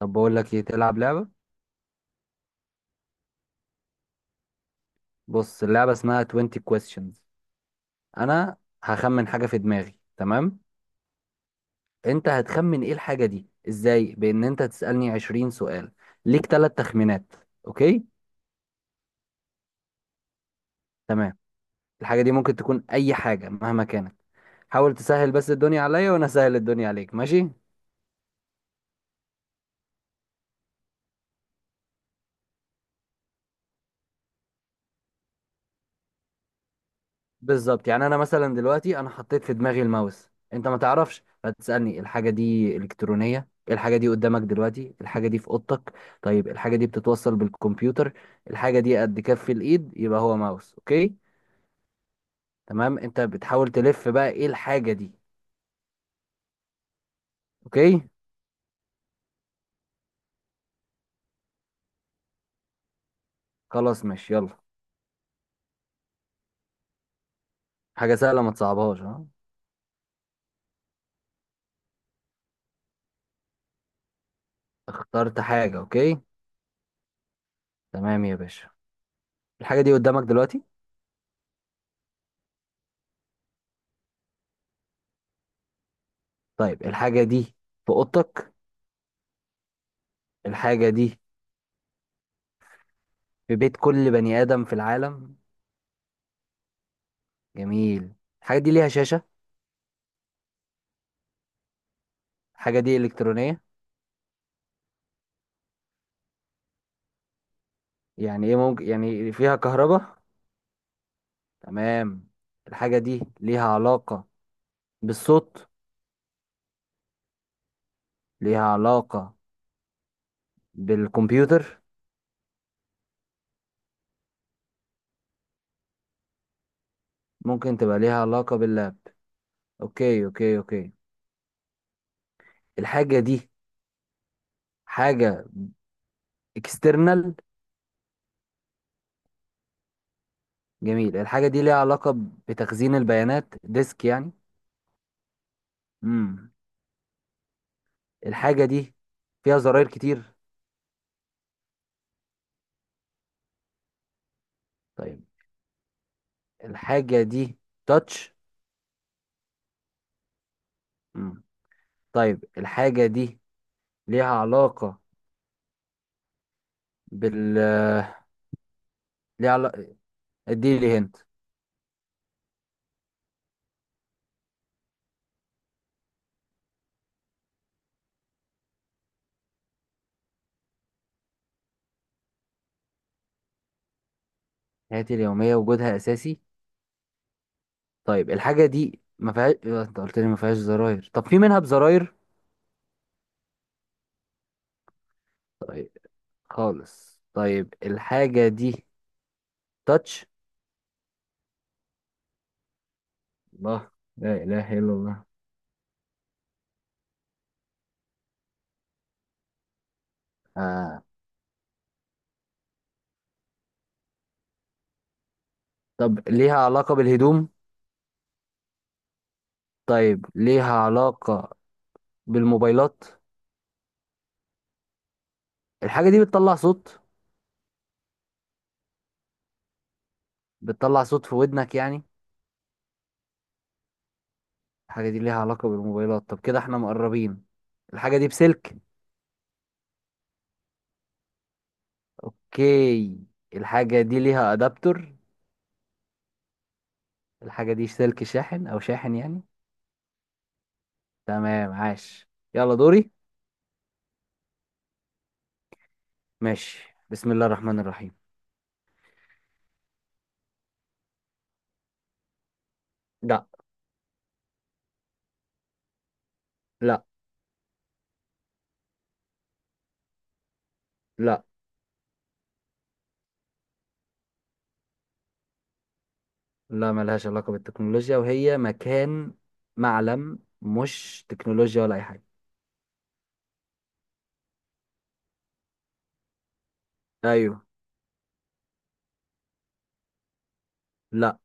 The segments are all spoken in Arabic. طب بقول لك ايه؟ تلعب لعبة. بص اللعبة اسمها 20 questions. انا هخمن حاجة في دماغي، تمام؟ انت هتخمن ايه الحاجة دي ازاي؟ بان انت تسألني 20 سؤال. ليك ثلاث تخمينات. اوكي، تمام. الحاجة دي ممكن تكون اي حاجة مهما كانت. حاول تسهل بس الدنيا عليا وانا اسهل الدنيا عليك، ماشي؟ بالظبط. يعني انا مثلا دلوقتي، انا حطيت في دماغي الماوس، انت ما تعرفش، فتسالني الحاجه دي الكترونيه؟ الحاجه دي قدامك دلوقتي؟ الحاجه دي في اوضتك؟ طيب الحاجه دي بتتوصل بالكمبيوتر؟ الحاجه دي قد كف الايد؟ يبقى هو ماوس، اوكي؟ تمام، انت بتحاول تلف بقى ايه الحاجه دي. اوكي، خلاص، ماشي، يلا. حاجه سهله، ما تصعبهاش، ها. اخترت حاجه، اوكي، تمام يا باشا. الحاجه دي قدامك دلوقتي؟ طيب الحاجه دي في اوضتك؟ الحاجه دي في بيت كل بني ادم في العالم؟ جميل. الحاجة دي ليها شاشة؟ الحاجة دي إلكترونية؟ يعني إيه ممكن؟ يعني فيها كهرباء؟ تمام. الحاجة دي ليها علاقة بالصوت؟ ليها علاقة بالكمبيوتر؟ ممكن تبقى ليها علاقة باللاب. أوكي، أوكي، أوكي. الحاجة دي حاجة اكسترنال؟ جميل. الحاجة دي ليها علاقة بتخزين البيانات، ديسك يعني؟ مم. الحاجة دي فيها زراير كتير؟ طيب الحاجة دي تاتش؟ طيب الحاجة دي ليها علاقة بال ليها علاقة. ادي لي هنت. حياتي اليومية وجودها أساسي؟ طيب الحاجة دي ما فيهاش إيه، انت قلت لي ما فيهاش زراير، طب في منها بزراير؟ خالص. طيب الحاجة دي تاتش؟ الله، لا إله إلا الله. آه. طب ليها علاقة بالهدوم؟ طيب ليها علاقة بالموبايلات؟ الحاجة دي بتطلع صوت؟ بتطلع صوت في ودنك يعني؟ الحاجة دي ليها علاقة بالموبايلات، طب كده احنا مقربين. الحاجة دي بسلك؟ اوكي. الحاجة دي ليها ادابتور؟ الحاجة دي سلك شاحن او شاحن يعني؟ تمام، عاش. يلا، دوري. ماشي، بسم الله الرحمن الرحيم. لا، لا، لا، لا ملهاش علاقة بالتكنولوجيا، وهي مكان معلم، مش تكنولوجيا ولا اي حاجة. ايوه. لا.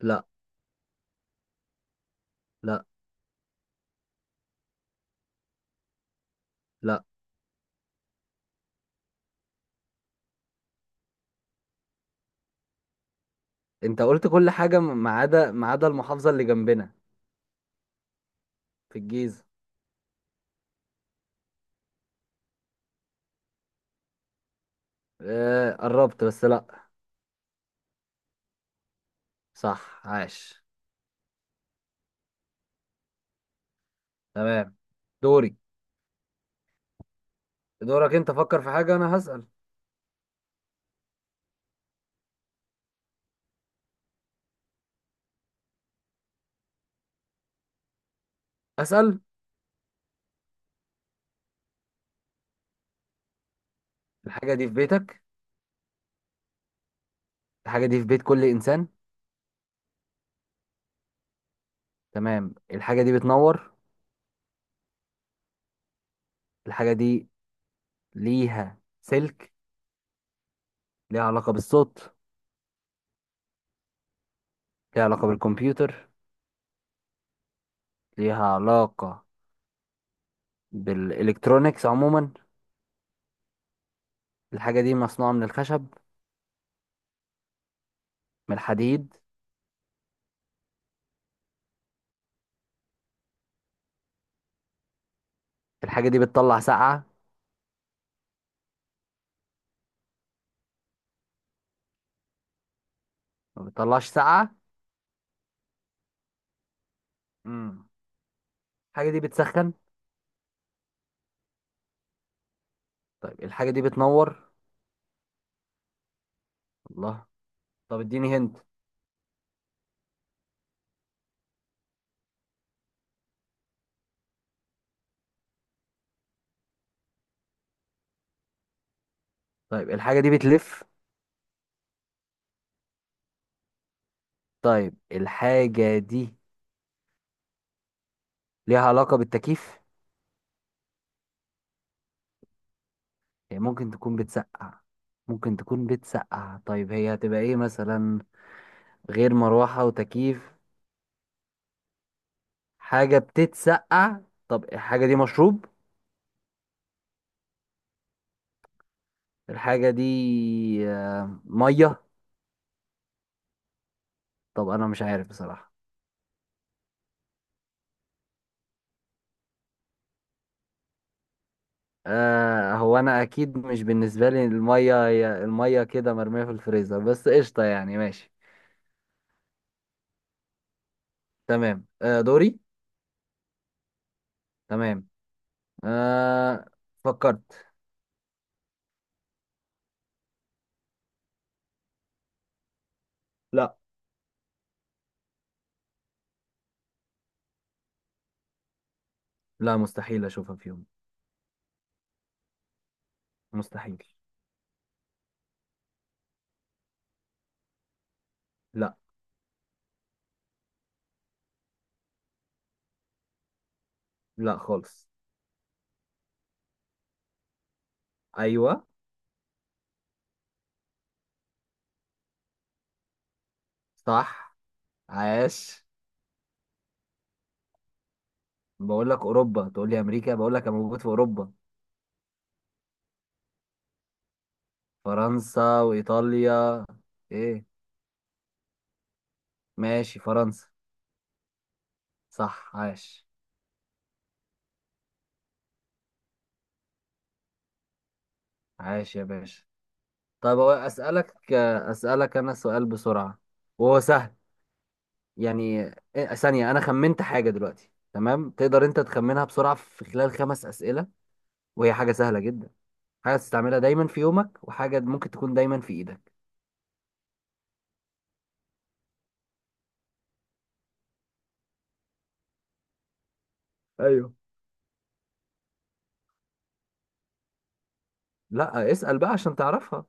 لا. لا. لا. انت قلت كل حاجة ما عدا المحافظة اللي جنبنا. في الجيزة. آه قربت، بس لا. صح، عاش. تمام، دوري. دورك انت، فكر في حاجة، انا هسأل. اسال. الحاجه دي في بيتك؟ الحاجه دي في بيت كل انسان؟ تمام. الحاجه دي بتنور؟ الحاجه دي ليها سلك؟ ليها علاقه بالصوت؟ ليها علاقه بالكمبيوتر؟ ليها علاقه بالالكترونيكس عموما؟ الحاجه دي مصنوعه من الخشب؟ من الحديد؟ الحاجه دي بتطلع سقعه؟ ما بتطلعش سقعه. امم الحاجه دي بتسخن؟ طيب الحاجه دي بتنور؟ الله، طب اديني هنت. طيب الحاجه دي بتلف؟ طيب الحاجه دي ليها علاقه بالتكييف؟ هي ممكن تكون بتسقع. ممكن تكون بتسقع، طيب هي هتبقى ايه مثلا، غير مروحة وتكييف؟ حاجة بتتسقع. طب الحاجة دي مشروب؟ الحاجة دي مية؟ طب انا مش عارف بصراحة. هو انا اكيد مش بالنسبة لي المية، هي المية كده مرمية في الفريزر، بس قشطة يعني، ماشي. تمام، دوري. تمام، آه فكرت. لا، لا مستحيل اشوفها في يوم، مستحيل. لا، لا خالص. ايوه، صح، عاش. بقول لك اوروبا تقول لي امريكا، بقول لك انا موجود في اوروبا. فرنسا وايطاليا. ايه؟ ماشي، فرنسا. صح، عاش. عاش يا باشا. طب هو اسالك، انا سؤال بسرعه، وهو سهل. يعني ثانيه، انا خمنت حاجه دلوقتي، تمام؟ تقدر انت تخمنها بسرعه في خلال خمس اسئله، وهي حاجه سهله جدا. حاجه تستعملها دايما في يومك، وحاجه ممكن تكون دايما في ايدك. ايوه. لا، اسال بقى عشان تعرفها.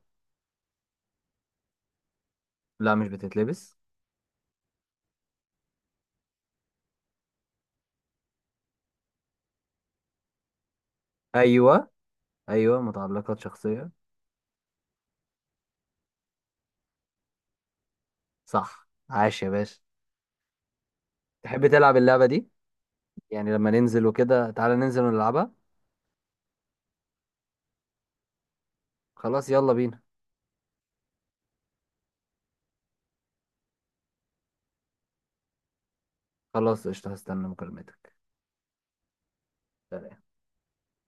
لا، مش بتتلبس. ايوه، ايوه، متعلقات شخصيه. صح، عاش يا باشا. تحب تلعب اللعبه دي؟ يعني لما ننزل وكده، تعالى ننزل ونلعبها. خلاص، يلا بينا. خلاص، قشطه، هستنى مكالمتك. سلام.